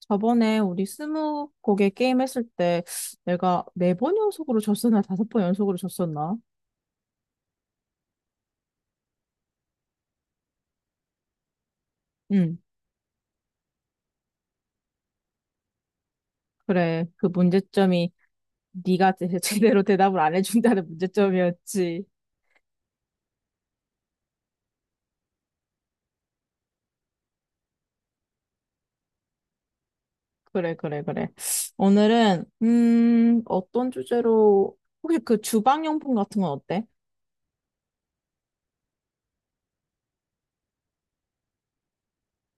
저번에 우리 스무 곡에 게임 했을 때 내가 네 번 연속으로 졌었나 다섯 번 연속으로 졌었나? 응, 그래. 그 문제점이 네가 제- 제대로 대답을 안 해준다는 문제점이었지. 그래, 그래, 그래. 오늘은 어떤 주제로 혹시 그 주방용품 같은 건 어때?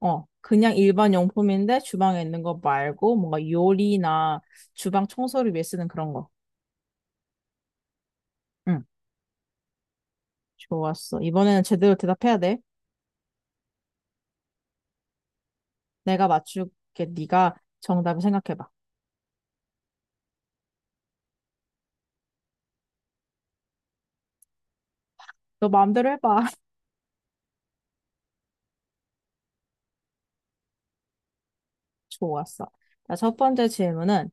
어, 그냥 일반 용품인데 주방에 있는 거 말고 뭔가 요리나 주방 청소를 위해 쓰는 그런 거. 응, 좋았어. 이번에는 제대로 대답해야 돼. 내가 맞출게. 네가 정답을 생각해봐. 너 마음대로 해봐. 좋았어. 자, 첫 번째 질문은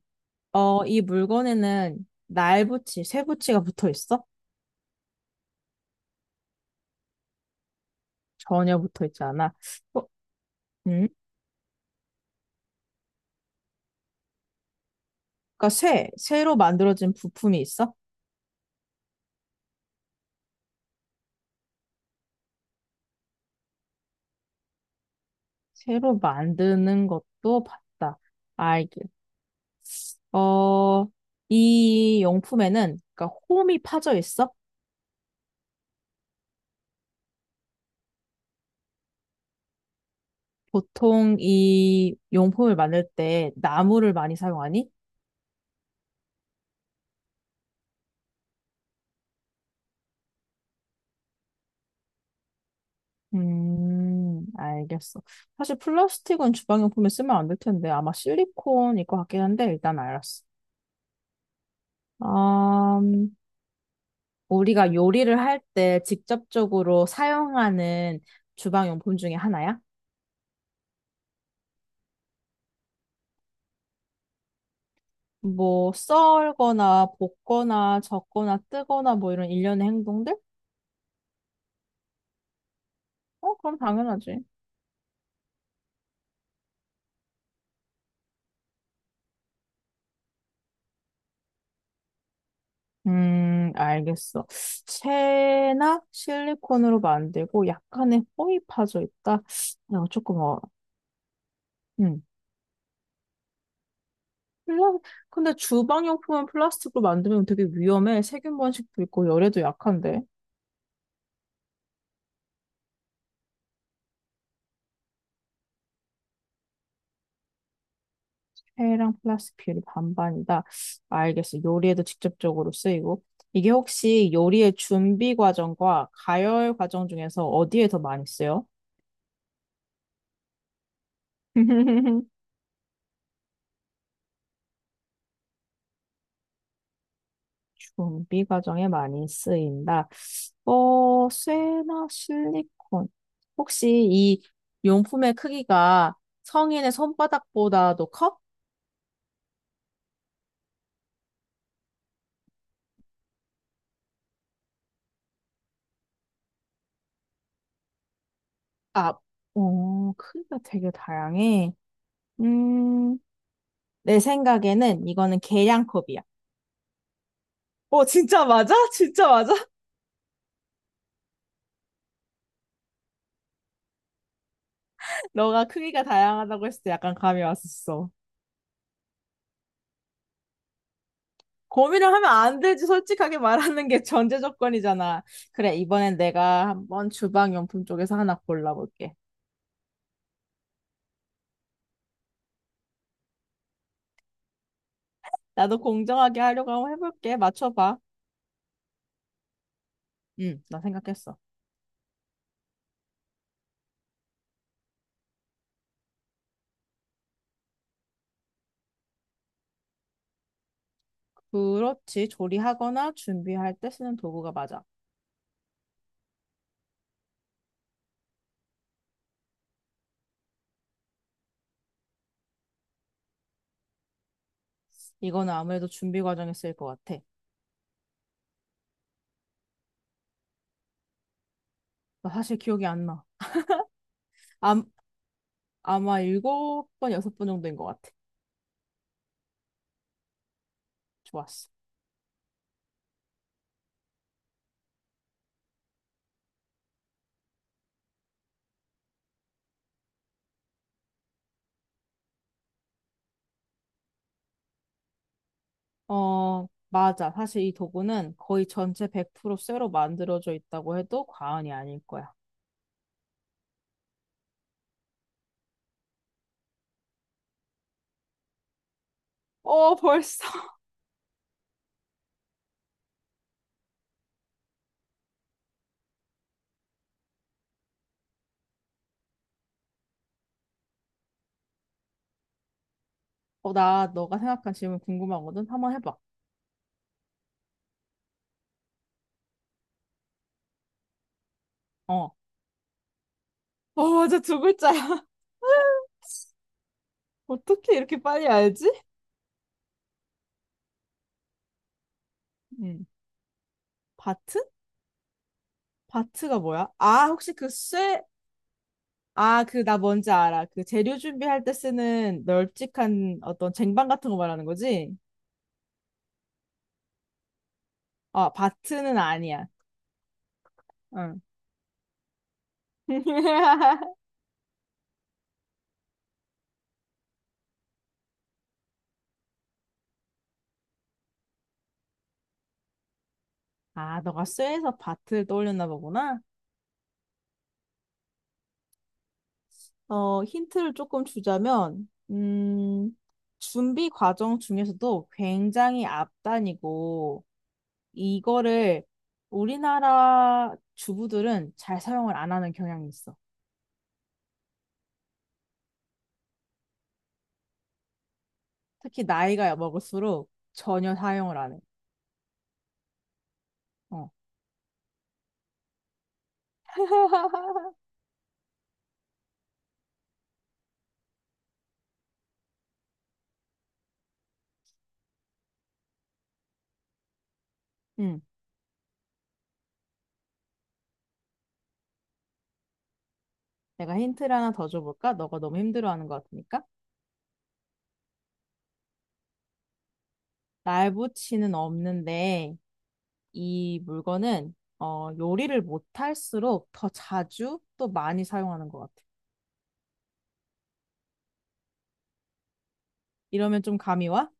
어, 이 물건에는 날붙이, 쇠붙이가 붙어 있어? 전혀 붙어 있지 않아. 어, 음? 그러니까 쇠로 만들어진 부품이 있어? 새로 만드는 것도 봤다. 알겠. 어, 이 용품에는 그러니까 홈이 파져 있어? 보통 이 용품을 만들 때 나무를 많이 사용하니? 알겠어. 사실 플라스틱은 주방용품에 쓰면 안 될 텐데 아마 실리콘일 것 같긴 한데 일단 알았어. 음, 우리가 요리를 할 때 직접적으로 사용하는 주방용품 중에 하나야? 뭐 썰거나 볶거나 젓거나 뜨거나 뭐 이런 일련의 행동들? 어, 그럼 당연하지. 알겠어. 쇠나 실리콘으로 만들고 약간의 홈이 파져 있다. 이 조금 어. 음. 플라- 근데 주방용품은 플라스틱으로 만들면 되게 위험해. 세균 번식도 있고 열에도 약한데. 폐랑 플라스틱 비율이 반반이다. 알겠어. 요리에도 직접적으로 쓰이고. 이게 혹시 요리의 준비 과정과 가열 과정 중에서 어디에 더 많이 쓰여? 준비 과정에 많이 쓰인다. 어, 쇠나 실리콘. 혹시 이 용품의 크기가 성인의 손바닥보다도 커? 아, 어, 크기가 되게 다양해. 음, 내 생각에는 이거는 계량컵이야. 어, 진짜 맞아? 진짜 맞아? 너가 크기가 다양하다고 했을 때 약간 감이 왔었어. 고민을 하면 안 되지. 솔직하게 말하는 게 전제 조건이잖아. 그래, 이번엔 내가 한번 주방용품 쪽에서 하나 골라볼게. 나도 공정하게 하려고 한번 해볼게. 맞춰봐. 응, 나 생각했어. 그렇지. 조리하거나 준비할 때 쓰는 도구가 맞아. 이거는 아무래도 준비 과정에 쓰일 것 같아. 나 사실 기억이 안 나. 아, 아마 일곱 번, 여섯 번 정도인 것 같아. 좋았어. 어, 맞아. 사실 이 도구는 거의 전체 100% 쇠로 만들어져 있다고 해도 과언이 아닐 거야. 어, 벌써. 어, 나 너가 생각한 질문 궁금하거든. 한번 해봐. 어. 어, 맞아. 두 글자야. 어떻게 이렇게 빨리 알지? 음. 바트? 바트가 뭐야? 아, 혹시 그 쇠, 아, 그, 나 뭔지 알아. 그 재료 준비할 때 쓰는 널찍한 어떤 쟁반 같은 거 말하는 거지? 어, 바트는 아니야. 응. 아, 너가 쇠에서 바트를 떠올렸나 보구나. 어, 힌트를 조금 주자면, 준비 과정 중에서도 굉장히 앞단이고, 이거를 우리나라 주부들은 잘 사용을 안 하는 경향이 있어. 특히 나이가 먹을수록 전혀 사용을 안 해. 어. 응, 내가 힌트를 하나 더 줘볼까? 너가 너무 힘들어하는 것 같으니까. 날 붙이는 없는데, 이 물건은 어, 요리를 못할수록 더 자주 또 많이 사용하는 것 같아. 이러면 좀 감이 와?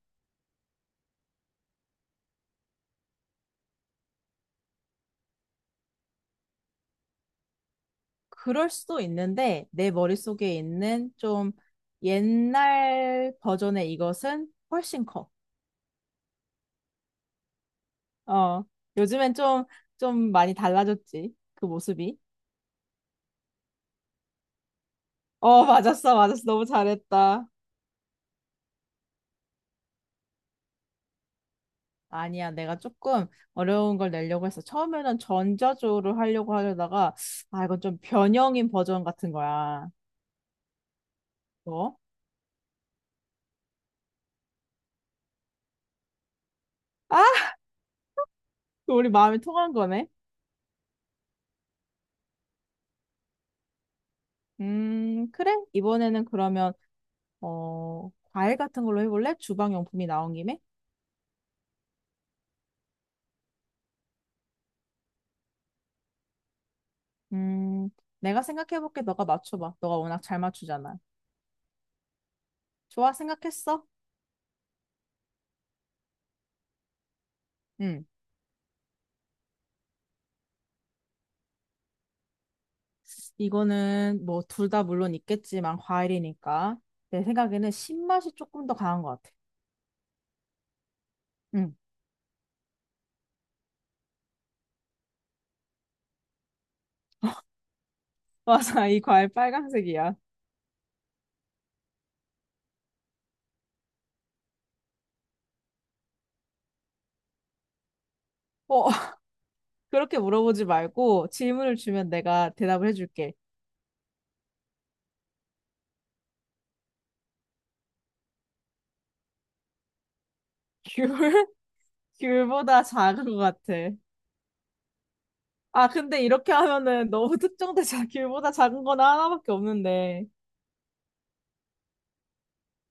그럴 수도 있는데 내 머릿속에 있는 좀 옛날 버전의 이것은 훨씬 커. 어, 요즘엔 좀, 좀 많이 달라졌지. 그 모습이. 어, 맞았어, 맞았어. 너무 잘했다. 아니야, 내가 조금 어려운 걸 내려고 했어. 처음에는 전자조를 하려고 하려다가, 아, 이건 좀 변형인 버전 같은 거야. 뭐? 아, 우리 마음이 통한 거네. 그래. 이번에는 그러면, 어, 과일 같은 걸로 해볼래? 주방용품이 나온 김에? 음, 내가 생각해볼게. 너가 맞춰봐. 너가 워낙 잘 맞추잖아. 좋아, 생각했어? 응. 이거는 뭐 둘 다 물론 있겠지만 과일이니까 내 생각에는 신맛이 조금 더 강한 것 같아. 응. 맞아, 이 과일 빨간색이야. 어, 그렇게 물어보지 말고 질문을 주면 내가 대답을 해줄게. 귤? 귤보다 작은 것 같아. 아, 근데 이렇게 하면은 너무 특정대장 귤보다 작은 거는 하나밖에 없는데.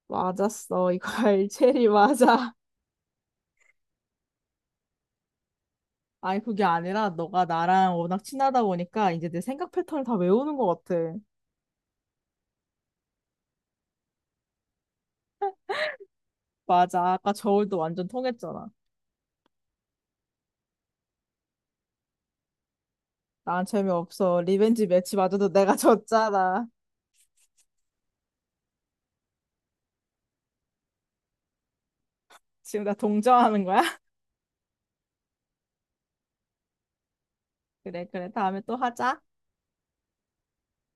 맞았어. 이거 알체리 맞아. 아니, 그게 아니라 너가 나랑 워낙 친하다 보니까 이제 내 생각 패턴을 다 외우는 것 같아. 맞아. 아까 저울도 완전 통했잖아. 난 재미없어. 리벤지 매치 맞아도 내가 졌잖아. 지금 나 동정하는 거야? 그래, 그래. 다음에 또 하자.